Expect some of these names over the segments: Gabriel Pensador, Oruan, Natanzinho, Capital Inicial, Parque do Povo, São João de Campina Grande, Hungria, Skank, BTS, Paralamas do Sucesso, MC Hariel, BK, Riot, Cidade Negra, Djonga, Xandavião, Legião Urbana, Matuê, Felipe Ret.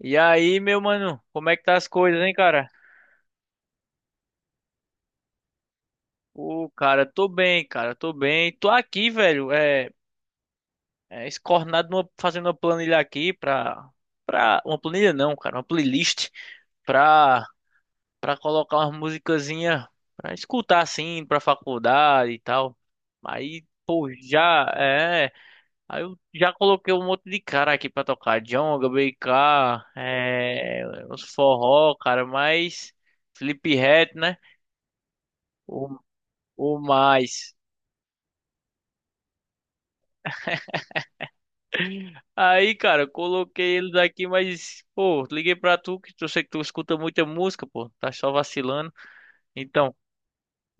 E aí, meu mano, como é que tá as coisas, hein, cara? Ô, cara, tô bem, cara, tô bem. Tô aqui, velho, escornado fazendo uma planilha aqui Uma planilha não, cara, uma playlist pra, pra colocar umas musicazinha pra escutar, assim, pra faculdade e tal. Aí, pô, já. Aí eu já coloquei um monte de cara aqui pra tocar. Djonga, BK, é... os forró, cara, mas... Felipe Ret, né? O, o mais. Aí, cara, eu coloquei eles aqui, mas, pô, liguei pra tu, que eu sei que tu escuta muita música, pô, tá só vacilando. Então,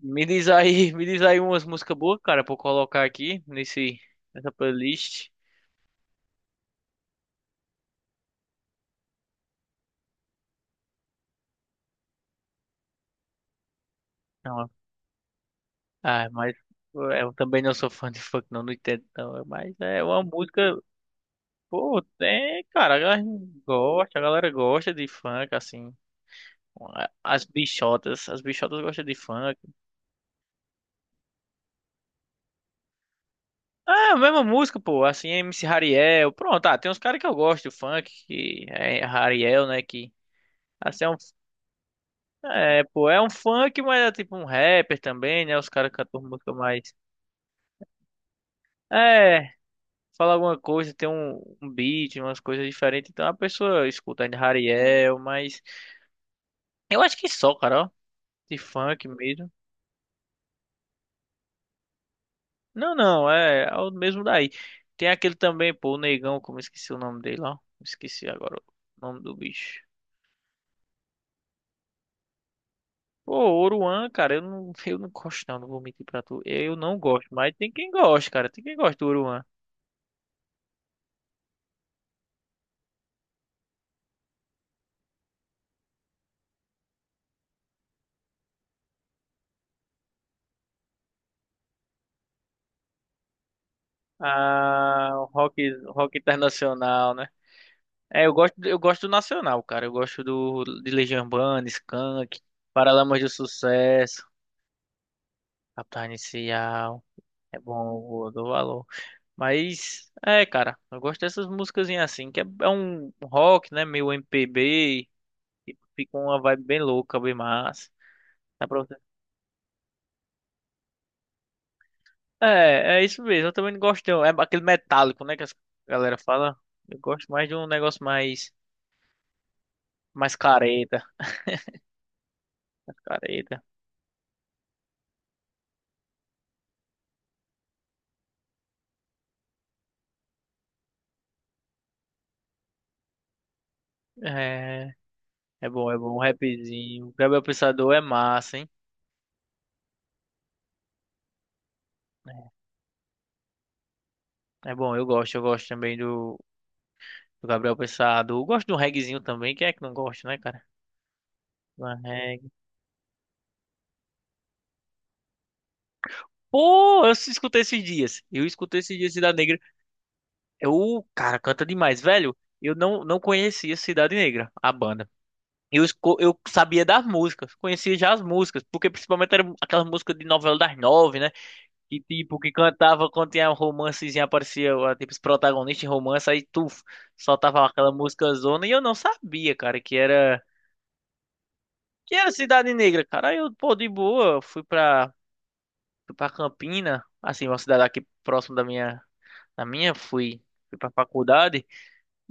me diz aí, me diz aí umas músicas boas, cara, pra eu colocar aqui nessa playlist. Não, ah, mas pô, eu também não sou fã de funk, não, não entendo, não, mas é uma música, pô, tem, cara, a galera gosta de funk, assim, as bichotas gostam de funk. Ah, a mesma música, pô. Assim, MC Hariel. Pronto, ah, tem uns caras que eu gosto, funk, que é Hariel, né? Que assim, é um. É, pô, é um funk, mas é tipo um rapper também, né? Os caras cantam música mais. É, fala alguma coisa, tem um beat, umas coisas diferentes. Então a pessoa escuta ainda Hariel, mas. Eu acho que só, cara, ó. De funk mesmo. Não, não, é o mesmo daí. Tem aquele também, pô, o Negão, como eu esqueci o nome dele, ó. Esqueci agora o nome do bicho. Pô, Oruan, cara, eu não, eu não gosto, não, não vou mentir pra tu. Eu não gosto, mas tem quem gosta, cara. Tem quem gosta do Oruan. Ah, o rock internacional, né? É, eu gosto do nacional, cara. Eu gosto de Legião Urbana, Skank, Paralamas do Sucesso, Capital Inicial. É bom, eu dou valor. Mas, é, cara, eu gosto dessas músicas assim, que é um rock, né? Meio MPB, e fica uma vibe bem louca, bem massa. Dá pra você. É, é isso mesmo. Eu também não gosto é aquele metálico, né, que as galera fala. Eu gosto mais de um negócio mais careta, mais careta. É, é bom, é bom, um rapzinho. O Gabriel Pensador é massa, hein? É bom, eu gosto também do Gabriel Pensador. Eu gosto de um reggaezinho também, quem é que não gosta, né, cara? Uma reggae. Pô, eu escutei esses dias. Eu escutei esses dias Cidade Negra. É o cara, canta demais, velho. Eu não conhecia Cidade Negra, a banda. Eu sabia das músicas, conhecia já as músicas, porque principalmente era aquelas músicas de novela das nove, né? Que tipo, que cantava quando tinha um romancezinho, aparecia ó, tipo, os protagonistas em romance, aí tu soltava aquela música zona, e eu não sabia, cara, que era Cidade Negra, cara. Aí eu, pô, de boa, fui pra Campina, assim, uma cidade aqui próximo da minha, fui pra faculdade.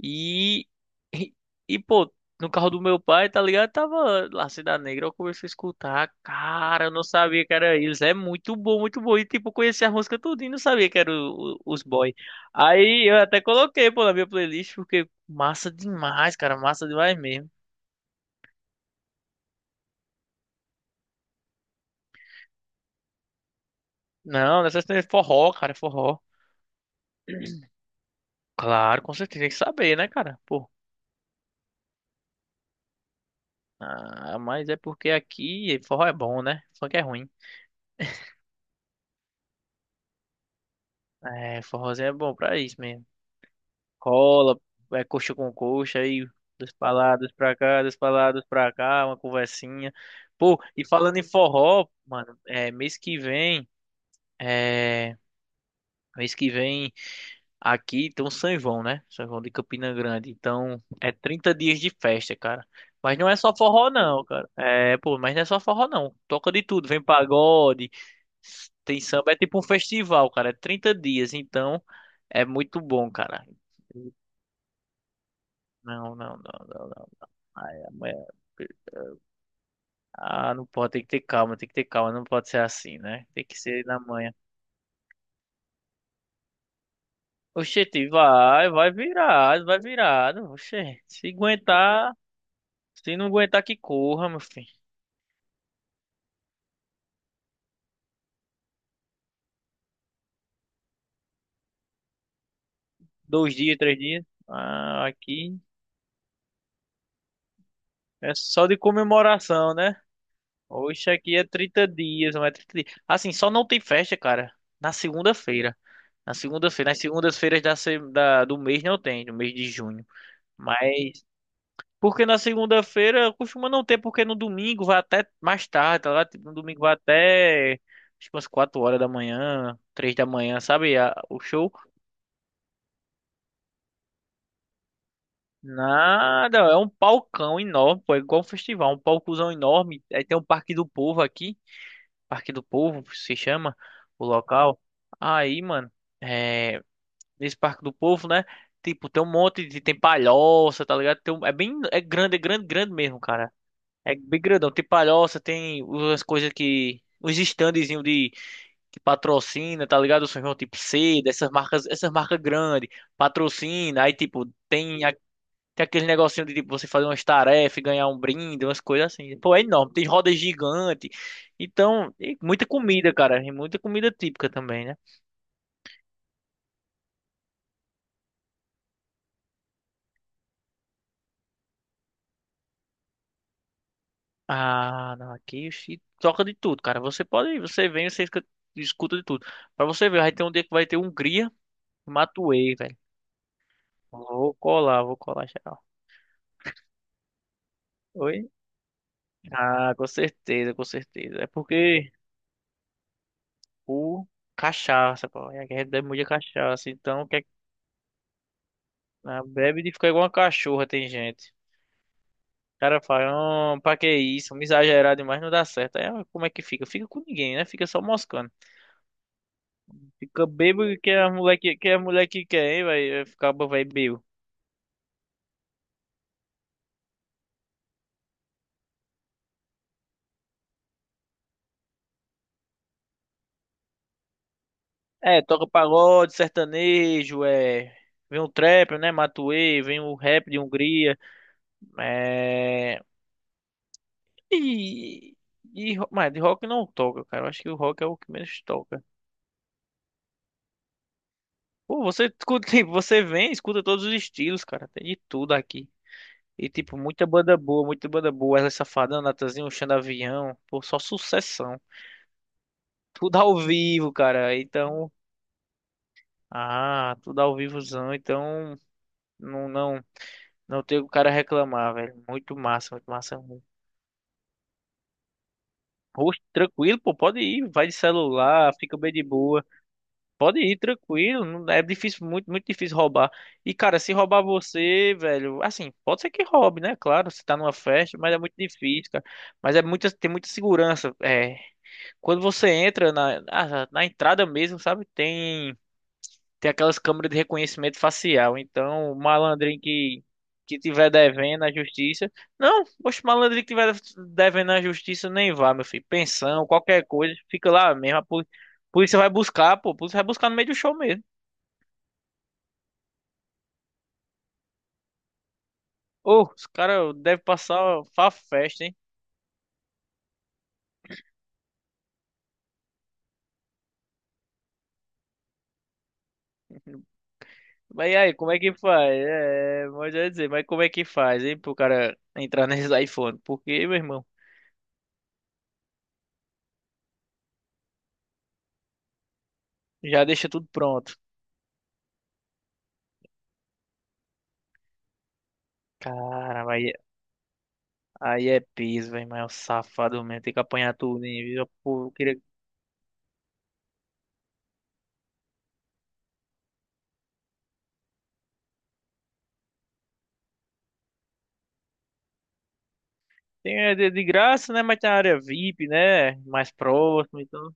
E, e, pô, no carro do meu pai, tá ligado? Tava lá Cidade Negra, eu comecei a escutar. Cara, eu não sabia que era eles. É muito bom, muito bom. E, tipo, eu conheci a música tudo e não sabia que era os boy. Aí eu até coloquei, pô, na minha playlist, porque massa demais, cara. Massa demais mesmo. Não, nessas tem forró, cara, forró. Claro, com certeza, tem que saber, né, cara? Pô, ah, mas é porque aqui forró é bom, né? Funk é ruim. É, forrozinho é bom pra isso mesmo. Rola, é coxa com coxa, aí das paladas pra cá, das paladas pra cá, uma conversinha. Pô, e falando em forró, mano, é mês que vem aqui tem um São João, né? São João de Campina Grande. Então, é 30 dias de festa, cara. Mas não é só forró não, cara. É, pô, mas não é só forró não. Toca de tudo, vem pagode, tem samba, é tipo um festival, cara. É 30 dias, então é muito bom, cara. Não, não, não, não, não. Ai, amanhã. Ah, não pode, tem que ter calma, tem que ter calma, não pode ser assim, né? Tem que ser na manhã. Oxente, vai, vai virado, vai virado. Oxente, se aguentar, se não aguentar, que corra, meu filho. 2 dias, 3 dias. Ah, aqui é só de comemoração, né? Hoje aqui é 30 dias, não é 30 dias. Assim, só não tem festa, cara, na segunda-feira. Na segunda-feira, nas segundas-feiras da, se- da- do mês não tem, no mês de junho. Mas Porque na segunda-feira costuma não ter, porque no domingo vai até mais tarde, tá lá? Tipo, no domingo vai até acho que umas 4 horas da manhã, 3 da manhã, sabe? O show. Nada, é um palcão enorme, pô, é igual um festival, um palcozão enorme. Aí tem um Parque do Povo aqui, Parque do Povo se chama o local. Aí, mano, é, nesse Parque do Povo, né? Tipo, tem palhoça, tá ligado? É bem, é grande, grande mesmo, cara. É bem grandão. Tem palhoça, tem umas coisas que. Os standzinhos de que patrocina, tá ligado? O São João tipo C, dessas marcas, essas marcas grandes, patrocina, aí tipo, tem, tem aquele negocinho de tipo você fazer umas tarefas, e ganhar um brinde, umas coisas assim. Pô, é enorme, tem rodas gigante. Então, e muita comida, cara. E muita comida típica também, né? Ah, não, aqui se toca de tudo, cara. Você pode, você vem, você escuta de tudo. Pra você ver, vai ter um dia que vai ter Hungria. Matuê, velho. Vou colar geral. Oi? Ah, com certeza, com certeza. É porque o cachaça, pô, é que a gente bebe muito cachaça, então quer, bebe de ficar igual uma cachorra, tem gente. O cara fala, "Ah, pra que isso? Me exagerar demais não dá certo. Aí, como é que fica? Fica com ninguém, né? Fica só moscando. Fica bêbado que é a mulher que é a mulher que quer, hein? Vai ficar, vai bêbado. É, toca pagode, sertanejo, é. Vem o trap, né? Matuê, vem o rap de Hungria. É. E, mas de rock não toca, cara. Eu acho que o rock é o que menos toca. Pô, você escuta, tipo, você vem, escuta todos os estilos, cara. Tem de tudo aqui. E tipo, muita banda boa, muita banda boa. Ela Safadão, Natanzinho, Xandavião. Pô, só sucessão. Tudo ao vivo, cara. Então, tudo ao vivozão. Então, não, não, não tem o cara reclamar, velho. Muito massa, muito massa. Mesmo. Rosto tranquilo, pô, pode ir. Vai de celular, fica bem de boa. Pode ir tranquilo, é difícil, muito, muito difícil roubar. E cara, se roubar você, velho, assim, pode ser que roube, né? Claro, você tá numa festa, mas é muito difícil, cara. Mas é muita, tem muita segurança. É, quando você entra na entrada mesmo, sabe? Tem aquelas câmeras de reconhecimento facial. Então, o malandrinho que tiver devendo à justiça. Não, poxa, o malandrinho que tiver devendo à justiça nem vá, meu filho. Pensão, qualquer coisa, fica lá mesmo. A polícia vai buscar, pô. A polícia vai buscar no meio do show mesmo. Ô, os caras devem passar fa festa, hein? Mas e aí, como é que faz? É, mas eu ia dizer, mas como é que faz, hein, pro cara entrar nesses iPhone? Porque, meu irmão, já deixa tudo pronto. Cara, aí é piso, velho, mas é um safado mesmo. Tem que apanhar tudo, hein? Viu? Pô, eu queria... Tem é de graça, né? Mas tem a área VIP, né? Mais próximo, então...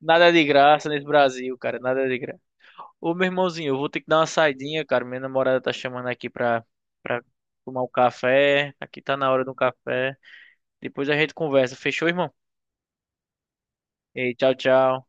Nada de graça nesse Brasil, cara. Nada de graça. Ô, meu irmãozinho, eu vou ter que dar uma saidinha, cara. Minha namorada tá chamando aqui pra tomar um café. Aqui tá na hora do café. Depois a gente conversa. Fechou, irmão? Ei, tchau, tchau.